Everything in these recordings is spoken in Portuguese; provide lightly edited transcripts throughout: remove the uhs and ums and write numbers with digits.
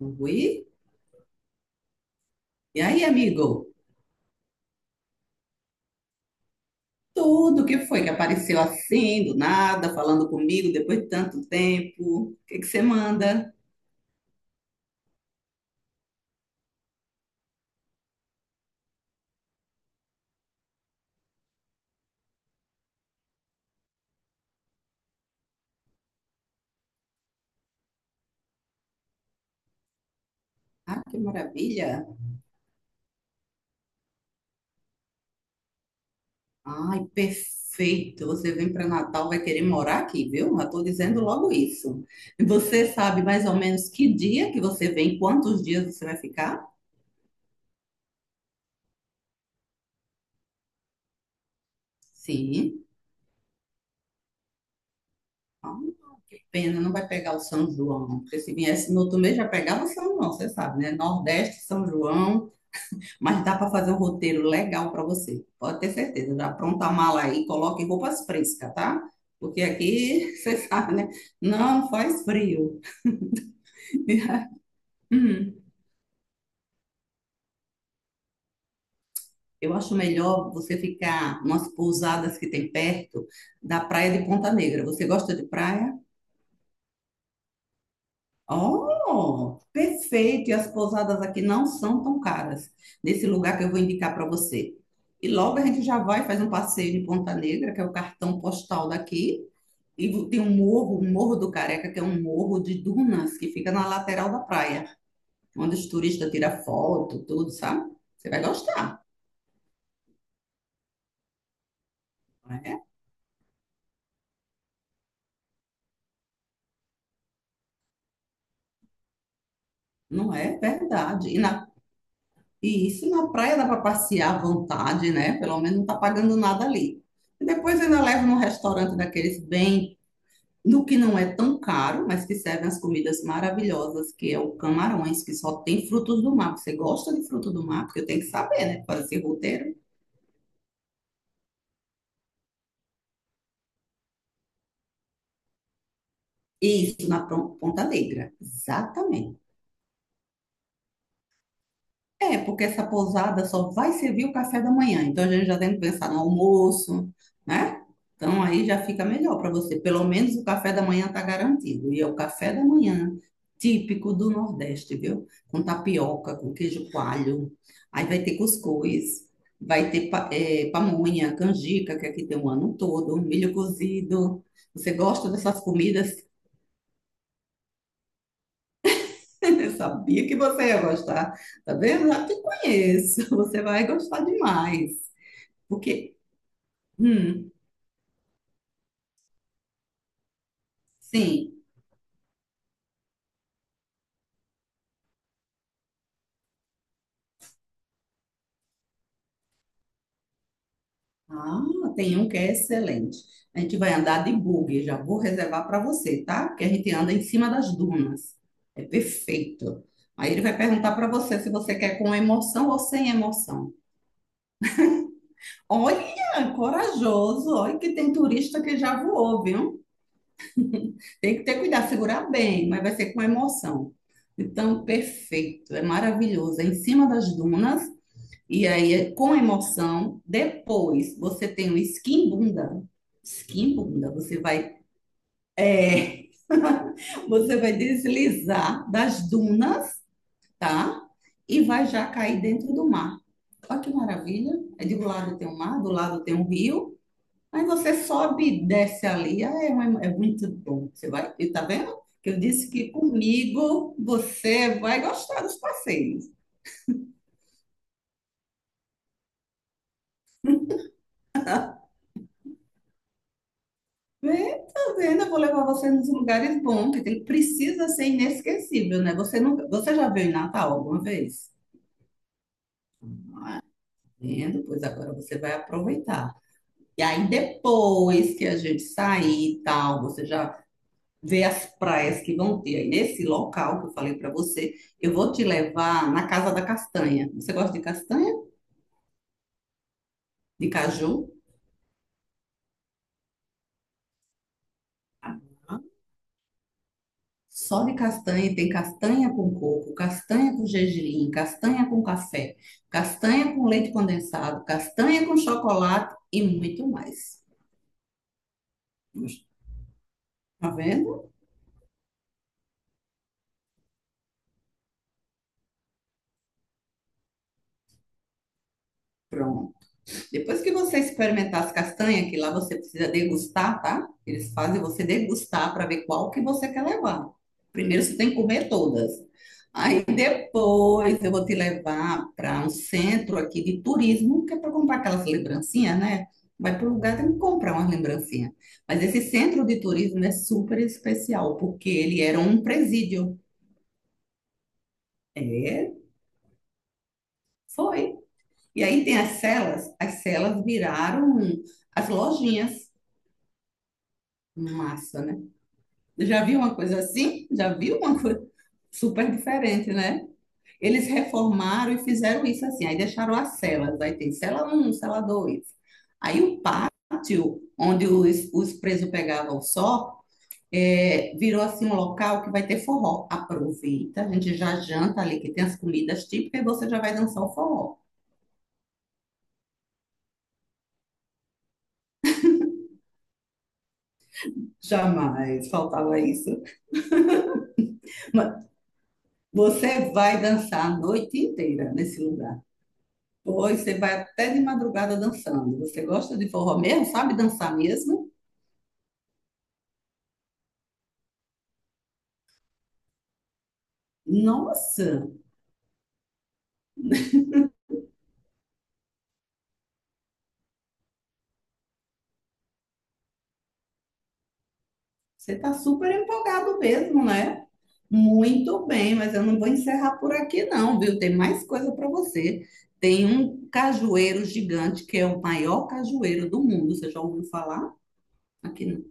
Oi. E aí, amigo? Tudo que foi que apareceu assim, do nada, falando comigo depois de tanto tempo. O que que você manda? Ah, que maravilha! Ai, perfeito! Você vem para Natal, vai querer morar aqui, viu? Já estou dizendo logo isso. Você sabe mais ou menos que dia que você vem, quantos dias você vai ficar? Sim. Ah, que pena, não vai pegar o São João. Porque se viesse no outro mês já pegava o São João, você sabe, né? Nordeste, São João. Mas dá para fazer um roteiro legal para você. Pode ter certeza. Já apronta a mala aí, coloque roupas frescas, tá? Porque aqui, você sabe, né? Não faz frio. Hum, eu acho melhor você ficar umas pousadas que tem perto da praia de Ponta Negra. Você gosta de praia? Oh, perfeito! E as pousadas aqui não são tão caras. Nesse lugar que eu vou indicar para você. E logo a gente já vai fazer um passeio de Ponta Negra, que é o cartão postal daqui. E tem um morro, o Morro do Careca, que é um morro de dunas que fica na lateral da praia, onde os turistas tiram foto, tudo, sabe? Você vai gostar, não é? Não é verdade. E isso na praia dá para passear à vontade, né? Pelo menos não tá pagando nada ali. E depois ainda leva num restaurante daqueles bem, no que não é tão caro, mas que servem as comidas maravilhosas, que é o camarões, que só tem frutos do mar. Você gosta de frutos do mar? Porque eu tenho que saber, né? Fazer esse roteiro. Isso, na Ponta Negra. Exatamente. É, porque essa pousada só vai servir o café da manhã. Então a gente já tem que pensar no almoço, né? Então aí já fica melhor para você. Pelo menos o café da manhã está garantido. E é o café da manhã típico do Nordeste, viu? Com tapioca, com queijo coalho. Aí vai ter cuscuz, vai ter pamonha, canjica, que aqui tem o ano todo, milho cozido. Você gosta dessas comidas? Eu sabia que você ia gostar. Tá vendo? Já te conheço. Você vai gostar demais. Porque, hum, sim. Ah, tem um que é excelente. A gente vai andar de buggy. Já vou reservar para você, tá? Porque a gente anda em cima das dunas. É perfeito. Aí ele vai perguntar para você se você quer com emoção ou sem emoção. Olha, corajoso. Olha que tem turista que já voou, viu? Tem que ter cuidado, segurar bem, mas vai ser com emoção. Então, perfeito, é maravilhoso. É em cima das dunas, e aí é com emoção. Depois, você tem o skin bunda. Skin bunda, você vai, é, você vai deslizar das dunas, tá? E vai já cair dentro do mar. Olha que maravilha. É de um lado tem o mar, do lado tem o rio. Aí você sobe e desce ali. Ah, é, é muito bom. Você vai, e tá vendo? Que eu disse que comigo você vai gostar dos passeios. Vê, tá vendo? Eu vou levar você nos lugares bons, que tem, precisa ser inesquecível, né? Você nunca, você já veio em Natal alguma vez? Vendo? Pois agora você vai aproveitar. E aí depois que a gente sair e tal, você já vê as praias que vão ter aí nesse local que eu falei para você. Eu vou te levar na Casa da Castanha. Você gosta de castanha? De caju, tá? Só de castanha, tem castanha com coco, castanha com gergelim, castanha com café, castanha com leite condensado, castanha com chocolate e muito mais. Tá vendo? Pronto. Depois que você experimentar as castanhas, que lá você precisa degustar, tá? Eles fazem você degustar para ver qual que você quer levar. Primeiro você tem que comer todas. Aí depois eu vou te levar para um centro aqui de turismo, que é para comprar aquelas lembrancinhas, né? Vai para o lugar, tem que comprar umas lembrancinhas. Mas esse centro de turismo é super especial, porque ele era um presídio. É, foi. E aí tem as celas viraram as lojinhas. Massa, né? Já viu uma coisa assim? Já viu uma coisa super diferente, né? Eles reformaram e fizeram isso assim. Aí deixaram as celas. Aí tem cela um, cela dois. Aí o pátio, onde os presos pegavam só, é, virou assim um local que vai ter forró. Aproveita, a gente já janta ali, que tem as comidas típicas, e você já vai dançar o forró. Jamais faltava isso. Mas você vai dançar a noite inteira nesse lugar. Pois você vai até de madrugada dançando. Você gosta de forró mesmo? Sabe dançar mesmo? Nossa, você está super empolgado mesmo, né? Muito bem, mas eu não vou encerrar por aqui não, viu? Tem mais coisa para você. Tem um cajueiro gigante que é o maior cajueiro do mundo. Você já ouviu falar? Aqui não.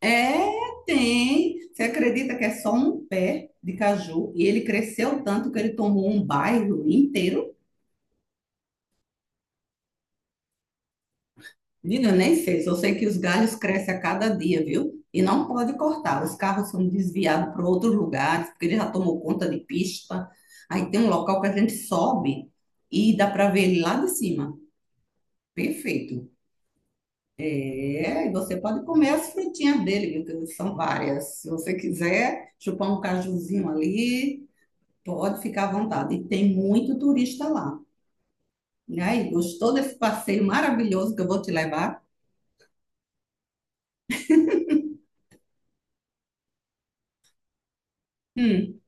É, tem. Você acredita que é só um pé de caju e ele cresceu tanto que ele tomou um bairro inteiro? Menina, eu nem sei, só sei que os galhos crescem a cada dia, viu? E não pode cortar. Os carros são desviados para outros lugares, porque ele já tomou conta de pista. Aí tem um local que a gente sobe e dá para ver ele lá de cima. Perfeito. É, e você pode comer as frutinhas dele, viu? Que são várias. Se você quiser chupar um cajuzinho ali, pode ficar à vontade. E tem muito turista lá. E aí, gostou desse passeio maravilhoso que eu vou te levar? Hum.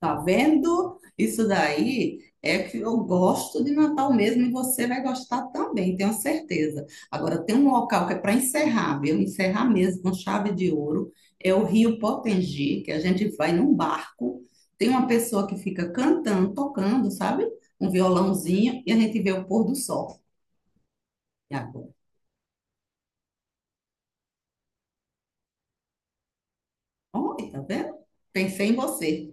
Tá vendo? Isso daí é que eu gosto de Natal mesmo e você vai gostar também, tenho certeza. Agora, tem um local que é para encerrar, viu? Encerrar mesmo com chave de ouro. É o Rio Potengi, que a gente vai num barco. Tem uma pessoa que fica cantando, tocando, sabe? Um violãozinho e a gente vê o pôr do sol. E agora? Olha, tá vendo? Pensei em você.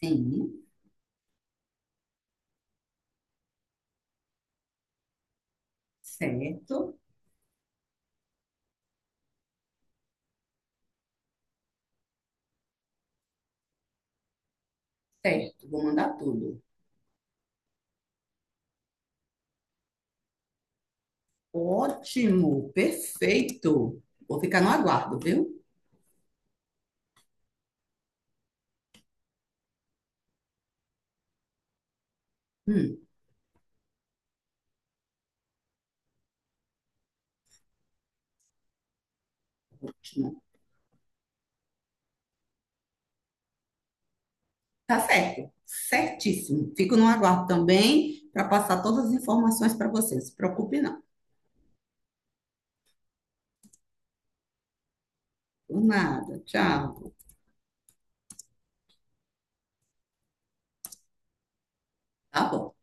Sim, certo, certo. Vou mandar tudo. Ótimo, perfeito. Vou ficar no aguardo, viu? Hum, ótimo. Tá certo, certíssimo. Fico no aguardo também para passar todas as informações para você. Não se preocupe, não. Por nada. Tchau. Tá bom.